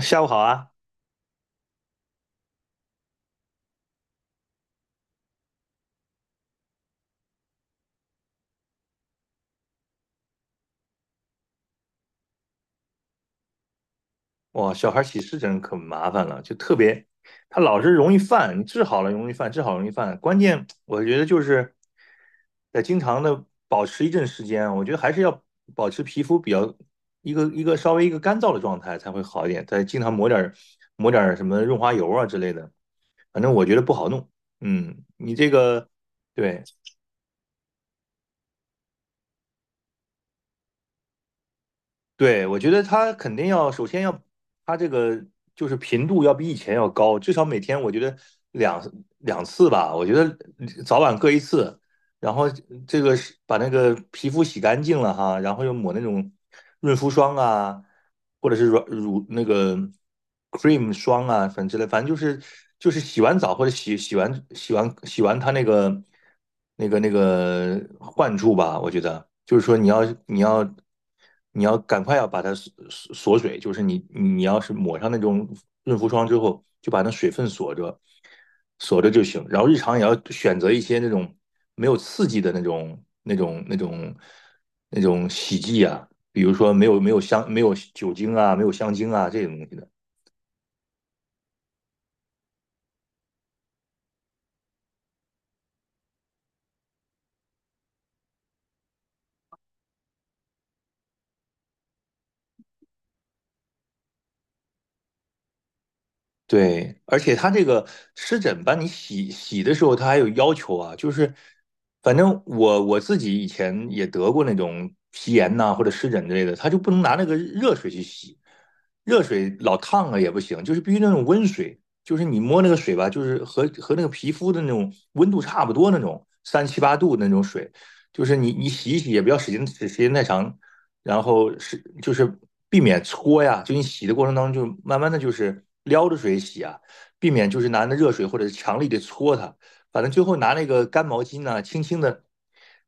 下午好啊！哇，小孩起湿疹可麻烦了，就特别，他老是容易犯，你治好了容易犯，治好容易犯。关键我觉得就是得经常的保持一阵时间，我觉得还是要保持皮肤比较一个干燥的状态才会好一点。再经常抹点什么润滑油啊之类的，反正我觉得不好弄。嗯，你这个对。对，我觉得他肯定要，首先要，他这个就是频度要比以前要高，至少每天我觉得两两次吧，我觉得早晚各一次，然后这个是把那个皮肤洗干净了哈，然后又抹那种润肤霜啊，或者是那个 cream 霜啊，反正之类，反正就是洗完澡或者洗完他那个患处吧，我觉得就是说你要。你要赶快要把它锁水，就是你要是抹上那种润肤霜之后，就把那水分锁着，锁着就行。然后日常也要选择一些那种没有刺激的那种洗剂啊，比如说没有香没有酒精啊，没有香精啊这种东西的。对，而且他这个湿疹吧，你洗的时候，他还有要求啊，就是反正我自己以前也得过那种皮炎呐、或者湿疹之类的，他就不能拿那个热水去洗，热水老烫了也不行，就是必须那种温水，就是你摸那个水吧，就是和那个皮肤的那种温度差不多那种三七八度那种水，就是你洗一洗也不要使劲使时间太长，然后就是避免搓呀，就你洗的过程当中，就慢慢的就是撩着水洗啊，避免就是拿那热水或者是强力的搓它，反正最后拿那个干毛巾呢，轻轻的、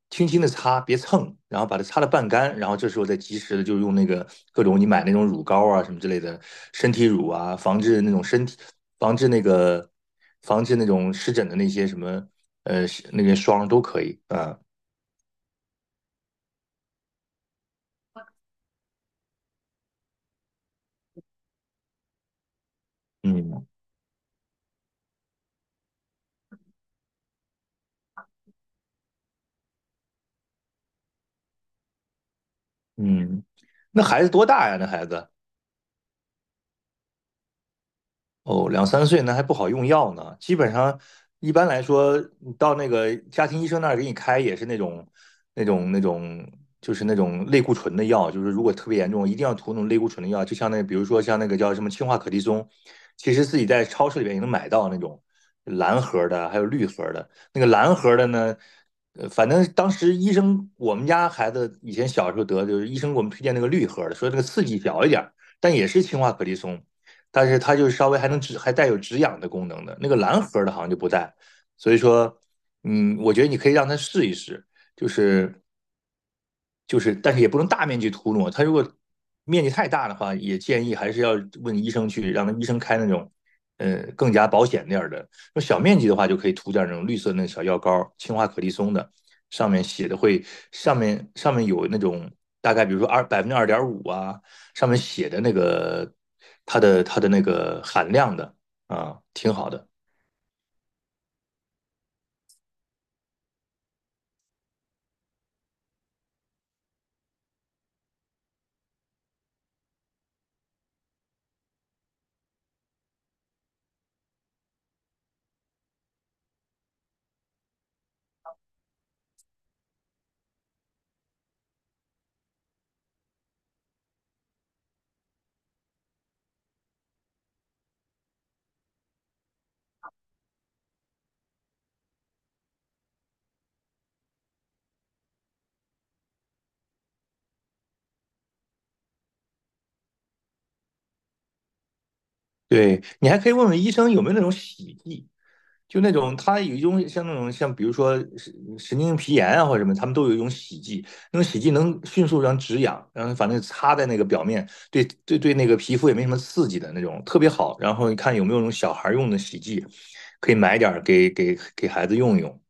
轻轻的擦，别蹭，然后把它擦得半干，然后这时候再及时的就用那个各种你买那种乳膏啊什么之类的身体乳啊，防治那个防治那种湿疹的那些什么呃那个霜都可以啊，嗯嗯，那孩子多大呀？那孩子？哦，两三岁那还不好用药呢。基本上，一般来说，你到那个家庭医生那儿给你开也是那种、那种、那种，就是那种类固醇的药。就是如果特别严重，一定要涂那种类固醇的药。就像那，比如说像那个叫什么氢化可的松，其实自己在超市里边也能买到那种蓝盒儿的，还有绿盒儿的。那个蓝盒儿的呢，反正当时医生，我们家孩子以前小时候得，就是医生给我们推荐那个绿盒儿的，说这个刺激小一点儿，但也是氢化可的松。但是它就是稍微还能止，还带有止痒的功能的。那个蓝盒的好像就不带，所以说，嗯，我觉得你可以让他试一试，就是就是但是也不能大面积涂抹，它如果面积太大的话，也建议还是要问医生去，让他医生开那种更加保险点儿的。那小面积的话，就可以涂点那种绿色那小药膏，氢化可利松的，上面写的会上面有那种大概比如说2.5%啊，上面写的那个它的那个含量的啊，挺好的。对，你还可以问问医生有没有那种洗剂，就那种他有一种像那种像比如说神经皮炎啊或者什么，他们都有一种洗剂，那种洗剂能迅速让止痒，然后反正擦在那个表面，对对对，那个皮肤也没什么刺激的那种，特别好。然后你看有没有那种小孩用的洗剂，可以买点儿给孩子用一用。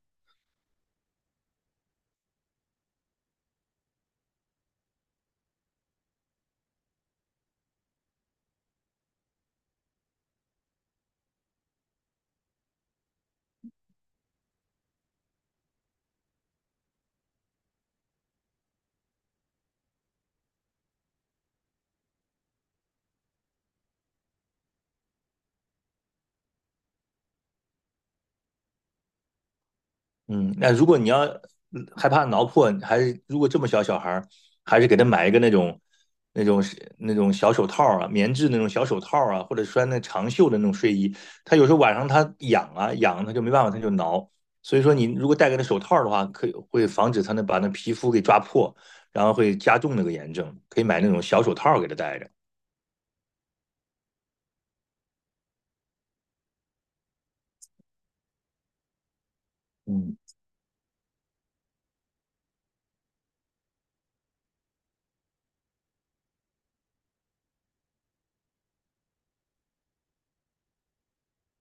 嗯，那如果你要害怕挠破，还是如果这么小小孩儿，还是给他买一个那种那种小手套啊，棉质那种小手套啊，或者穿那长袖的那种睡衣。他有时候晚上他痒啊痒，他就没办法，他就挠。所以说，你如果戴个那手套的话，可以会防止他那把那皮肤给抓破，然后会加重那个炎症。可以买那种小手套给他戴着，嗯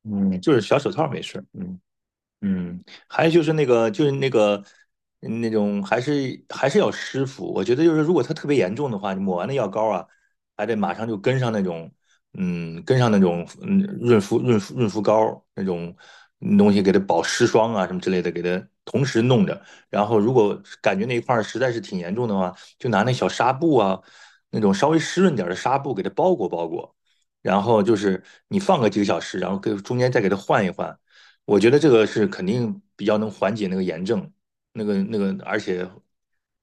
嗯，就是小手套没事嗯。嗯，还有那种还是要湿敷。我觉得就是，如果它特别严重的话，你抹完那药膏啊，还得马上就跟上那种，嗯，跟上那种，嗯，润肤润肤润肤膏那种东西，给它保湿霜啊什么之类的，给它同时弄着。然后如果感觉那一块儿实在是挺严重的话，就拿那小纱布啊，那种稍微湿润点儿的纱布给它包裹包裹。然后就是你放个几个小时，然后给中间再给它换一换。我觉得这个是肯定比较能缓解那个炎症，而且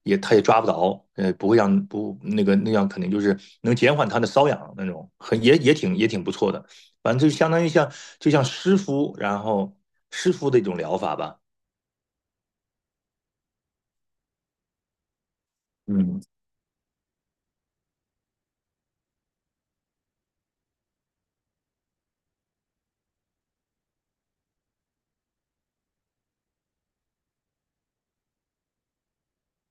也他也抓不着，不会让不那个那样，肯定就是能减缓他的瘙痒那种，很也也挺也挺不错的。反正就相当于就像湿敷，然后湿敷的一种疗法吧。嗯，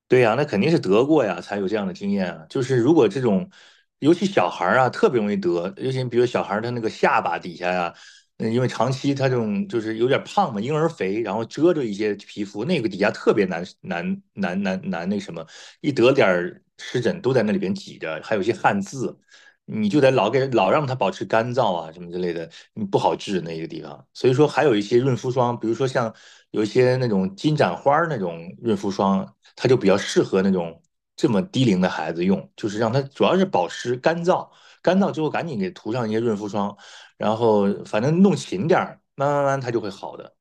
对呀，那肯定是得过呀，才有这样的经验啊。就是如果这种，尤其小孩儿啊，特别容易得，尤其比如小孩儿他那个下巴底下呀、因为长期他这种就是有点胖嘛，婴儿肥，然后遮着一些皮肤，那个底下特别难那什么，一得点儿湿疹都在那里边挤着，还有一些汗渍，你就得老让它保持干燥啊，什么之类的，你不好治那个地方。所以说，还有一些润肤霜，比如说像有一些那种金盏花儿那种润肤霜，它就比较适合那种这么低龄的孩子用，就是让它主要是保湿干燥，干燥之后赶紧给涂上一些润肤霜，然后反正弄勤点儿，慢慢慢慢它就会好的。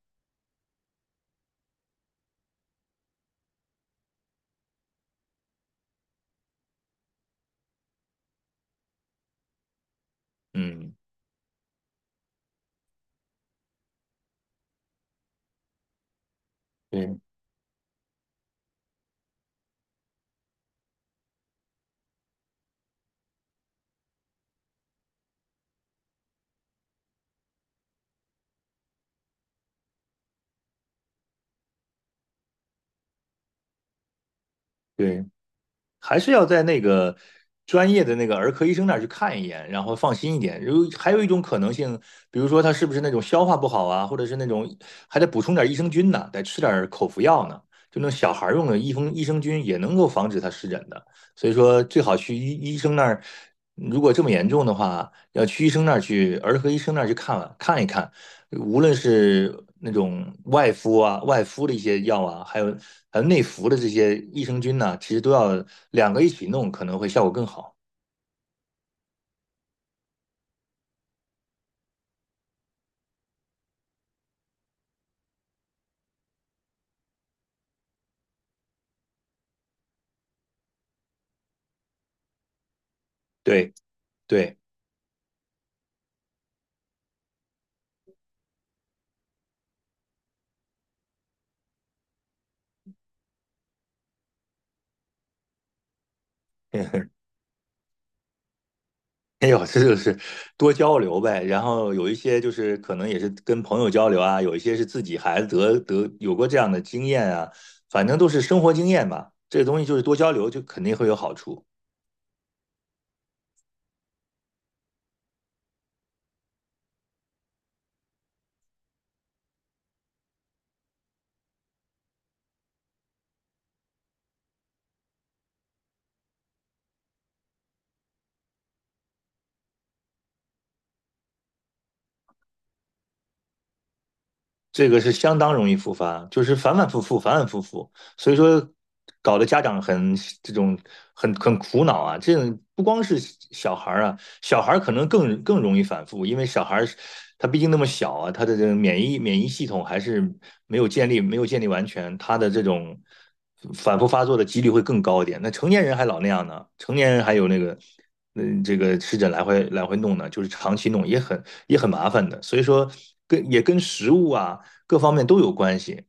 嗯，对对。还是要在那个专业的那个儿科医生那儿去看一眼，然后放心一点。还有一种可能性，比如说他是不是那种消化不好啊，或者是那种还得补充点益生菌呢，得吃点口服药呢，就那种小孩用的益生菌也能够防止他湿疹的。所以说，最好去医生那儿，如果这么严重的话，要去医生那儿去儿科医生那儿去看一看，无论是那种外敷的一些药啊，还有内服的这些益生菌呢、其实都要两个一起弄，可能会效果更好。对对，哎呦，这就是多交流呗。然后有一些就是可能也是跟朋友交流啊，有一些是自己孩子得有过这样的经验啊，反正都是生活经验吧。这个东西就是多交流，就肯定会有好处。这个是相当容易复发，就是反反复复，反反复复，所以说搞得家长这种很苦恼啊。这种不光是小孩儿啊，小孩儿可能更容易反复，因为小孩儿他毕竟那么小啊，他的这个免疫系统还是没有建立完全，他的这种反复发作的几率会更高一点。那成年人还老那样呢，成年人还有那个。嗯，这个湿疹来回来回弄呢，就是长期弄也很麻烦的，所以说也跟食物啊，各方面都有关系。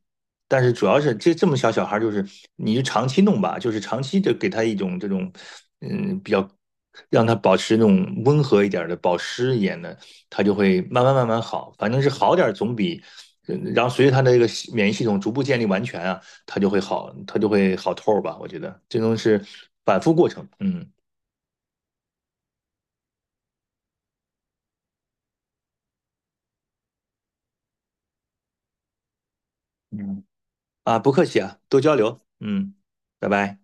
但是主要是这么小小孩，就是你就长期弄吧，就是长期的给他一种这种，比较让他保持那种温和一点的、保湿一点的，他就会慢慢慢慢好。反正是好点儿总比，然后随着他的这个免疫系统逐步建立完全啊，他就会好，他就会好透儿吧。我觉得这种是反复过程，嗯嗯，啊，不客气啊，多交流，嗯，拜拜。